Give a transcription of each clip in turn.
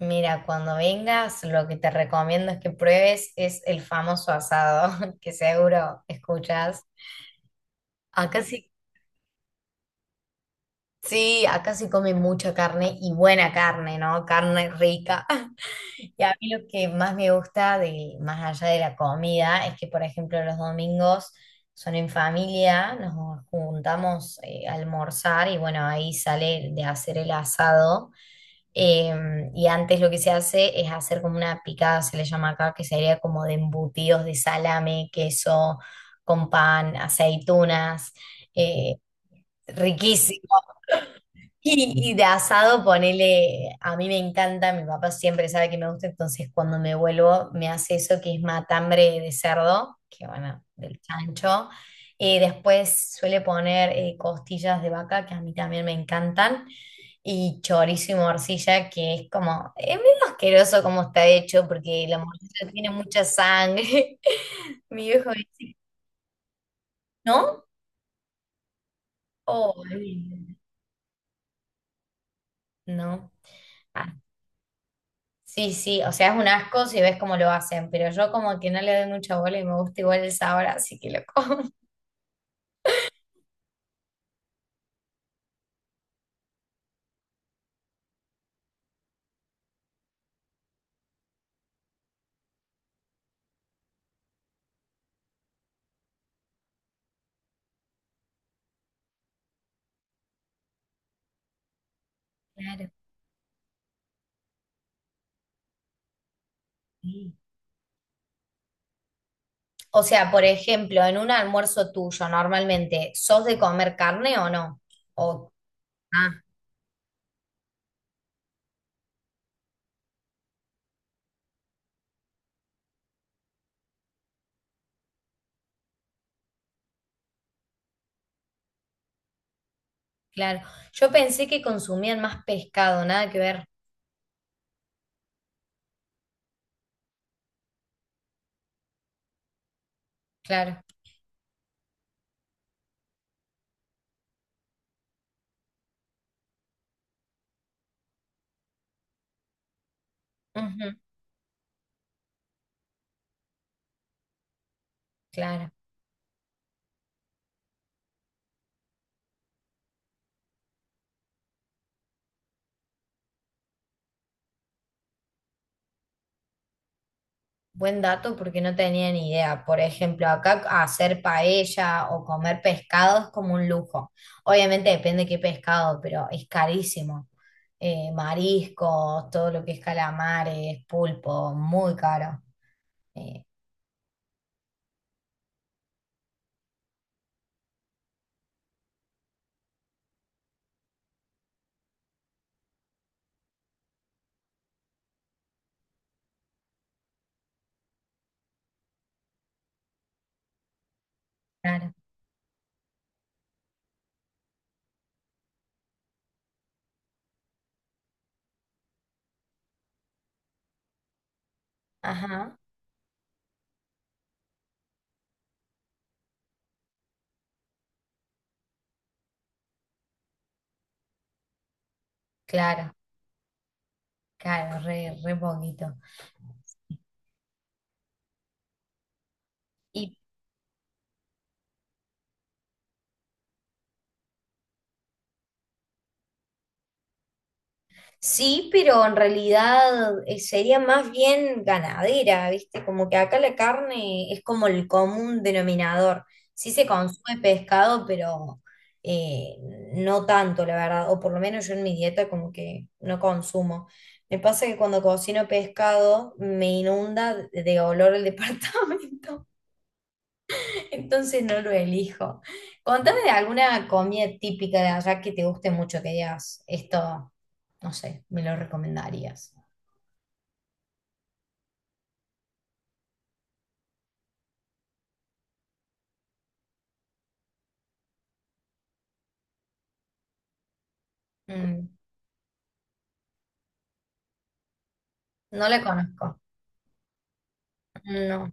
Mira, cuando vengas, lo que te recomiendo es que pruebes es el famoso asado, que seguro escuchas. Acá sí, sí, acá se come mucha carne y buena carne, ¿no? Carne rica. Y a mí lo que más me gusta de, más allá de la comida es que, por ejemplo, los domingos son en familia, nos juntamos a almorzar y bueno, ahí sale de hacer el asado. Y antes lo que se hace es hacer como una picada, se le llama acá, que sería como de embutidos de salame, queso, con pan, aceitunas, eh, riquísimo. Y de asado, ponele, a mí me encanta, mi papá siempre sabe que me gusta, entonces cuando me vuelvo me hace eso que es matambre de cerdo, que bueno, del chancho. Después suele poner costillas de vaca, que a mí también me encantan, y chorizo y morcilla, que es como, es medio asqueroso como está hecho, porque la morcilla tiene mucha sangre. Mi viejo dice, ¿no? Oh, no. Ah. Sí, sí, o sea, es un asco si ves cómo lo hacen, pero yo como que no le doy mucha bola y me gusta igual el sabor, así que lo como. Claro, sí. O sea, por ejemplo, en un almuerzo tuyo, normalmente, ¿sos de comer carne o no? O, ah, claro. Yo pensé que consumían más pescado, nada que ver. Claro. Ujú, claro. Buen dato porque no tenía ni idea. Por ejemplo, acá hacer paella o comer pescado es como un lujo. Obviamente depende de qué pescado, pero es carísimo. Mariscos, todo lo que es calamares, pulpo, muy caro. Eh, claro, ajá, claro, claro, re, re poquito. Sí, pero en realidad sería más bien ganadera, ¿viste? Como que acá la carne es como el común denominador. Sí se consume pescado, pero eh, no tanto, la verdad. O por lo menos yo en mi dieta como que no consumo. Me pasa que cuando cocino pescado me inunda de olor el departamento. Entonces no lo elijo. Contame de alguna comida típica de allá que te guste mucho, que digas, esto, no sé, me lo recomendarías. Mm, no la conozco. No.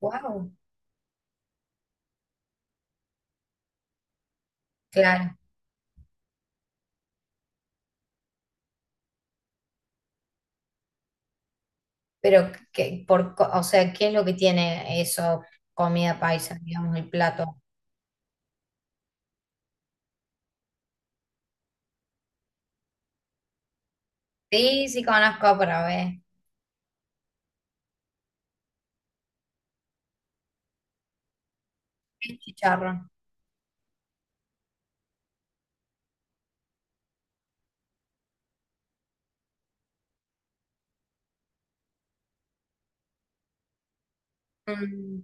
Wow. Claro. Pero que, por, co- o sea, ¿qué es lo que tiene eso, comida paisa, digamos, el plato? Sí, sí conozco, pero a ver. El chicharrón. Mm,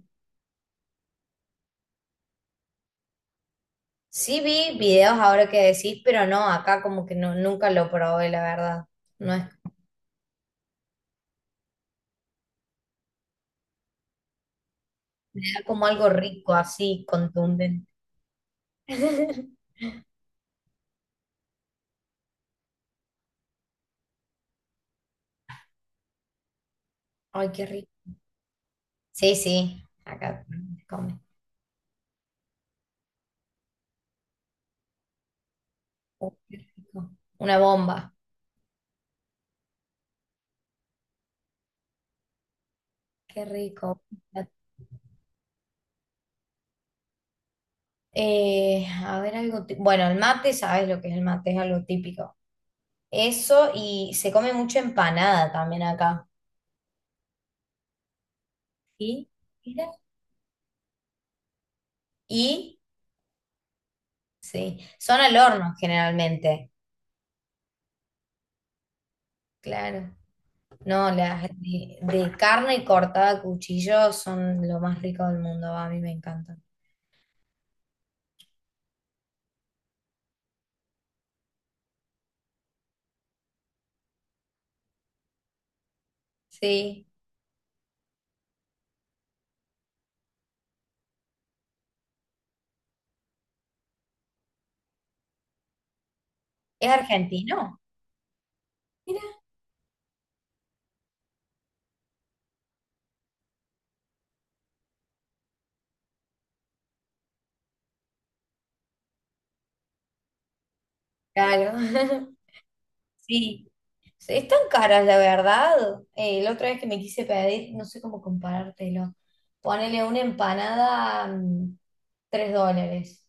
Sí vi videos ahora que decís, pero no, acá como que no, nunca lo probé, la verdad. No es. Deja como algo rico, así, contundente. Ay, qué rico. Sí, sí, acá se come. Oh, qué rico. Una bomba. Qué rico. A ver, algo. Bueno, el mate, sabes lo que es el mate, es algo típico. Eso, y se come mucha empanada también acá. ¿Y? Mira. Y, sí, son al horno generalmente. Claro. No, las de, carne cortada a cuchillo son lo más rico del mundo, a mí me encantan. Sí. ¿Es argentino? Mira. Claro. Sí. Están caras, la verdad. La otra vez que me quise pedir, no sé cómo comparártelo. Ponele una empanada, $3.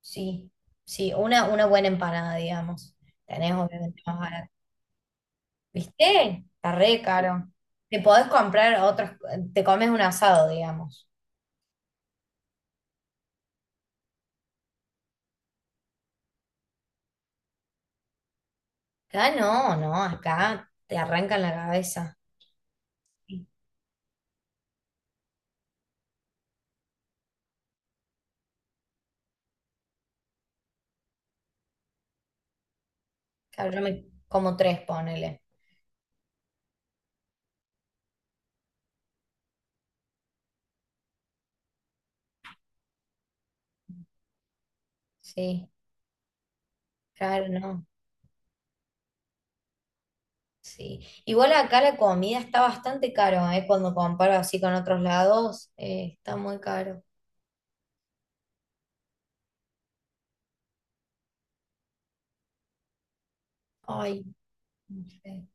Sí. Sí, una buena empanada, digamos. Tenés obviamente más barato. ¿Viste? Está re caro. Te podés comprar otros, te comes un asado, digamos. Acá no, no, acá te arrancan la cabeza. Sí. Claro, yo me como tres, ponele. Sí, claro, no. Sí. Igual acá la comida está bastante caro, ¿eh? Cuando comparo así con otros lados, está muy caro. Ay, no sé.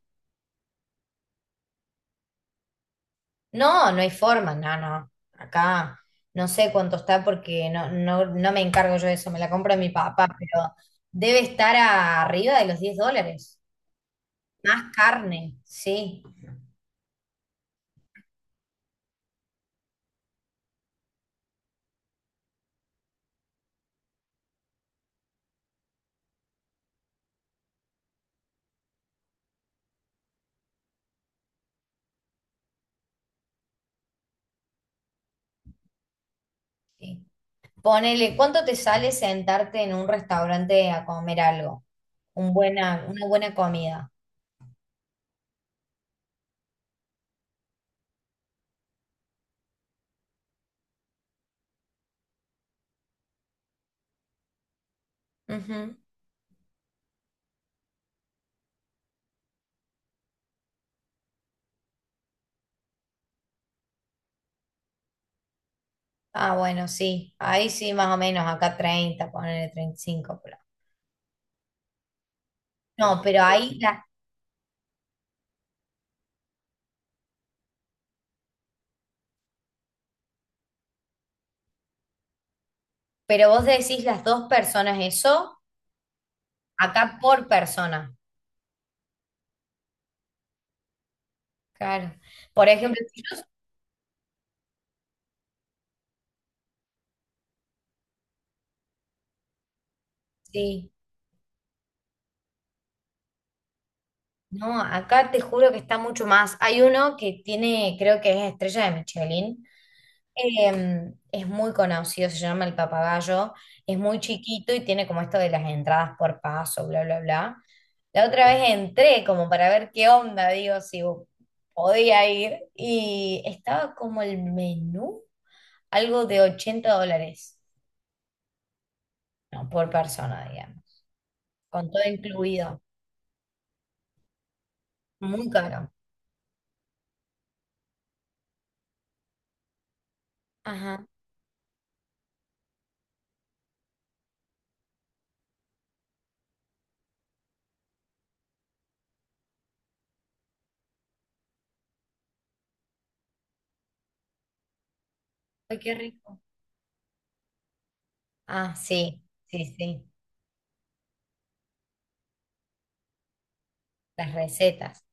No, no hay forma, no, no. Acá no sé cuánto está porque no me encargo yo de eso, me la compra mi papá, pero debe estar arriba de los $10. Más carne, sí. Sí. Ponele, ¿cuánto te sale sentarte en un restaurante a comer algo? Una buena comida. Ujú. Ah, bueno, sí. Ahí sí, más o menos, acá 30 ponele 35, pero... No, pero ahí, pero vos decís las dos personas eso. Acá por persona, claro. Por ejemplo, sí, no, acá te juro que está mucho más. Hay uno que tiene, creo que es estrella de Michelin. Em, es muy conocido, se llama El Papagayo. Es muy chiquito y tiene como esto de las entradas por paso, bla, bla, bla. La otra vez entré como para ver qué onda, digo, si podía ir. Y estaba como el menú, algo de $80, no, por persona, digamos. Con todo incluido. Muy caro. Ajá. Ay, qué rico. Ah, sí, sí, sí. Las recetas.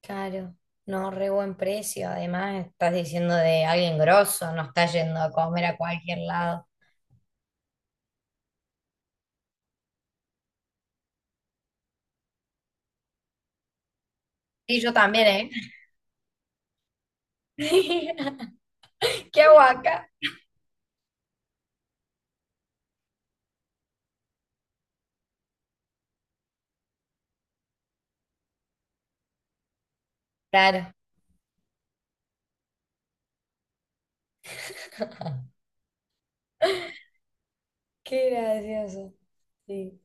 Claro. No, re buen precio. Además, estás diciendo de alguien grosso, no estás yendo a comer a cualquier lado. Y yo también, ¿eh? ¿Qué hago acá? Claro. Qué gracioso. Sí.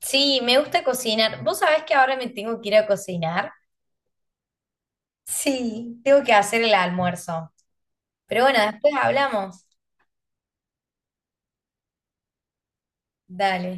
Sí, me gusta cocinar. ¿Vos sabés que ahora me tengo que ir a cocinar? Sí, tengo que hacer el almuerzo. Pero bueno, después hablamos. Dale.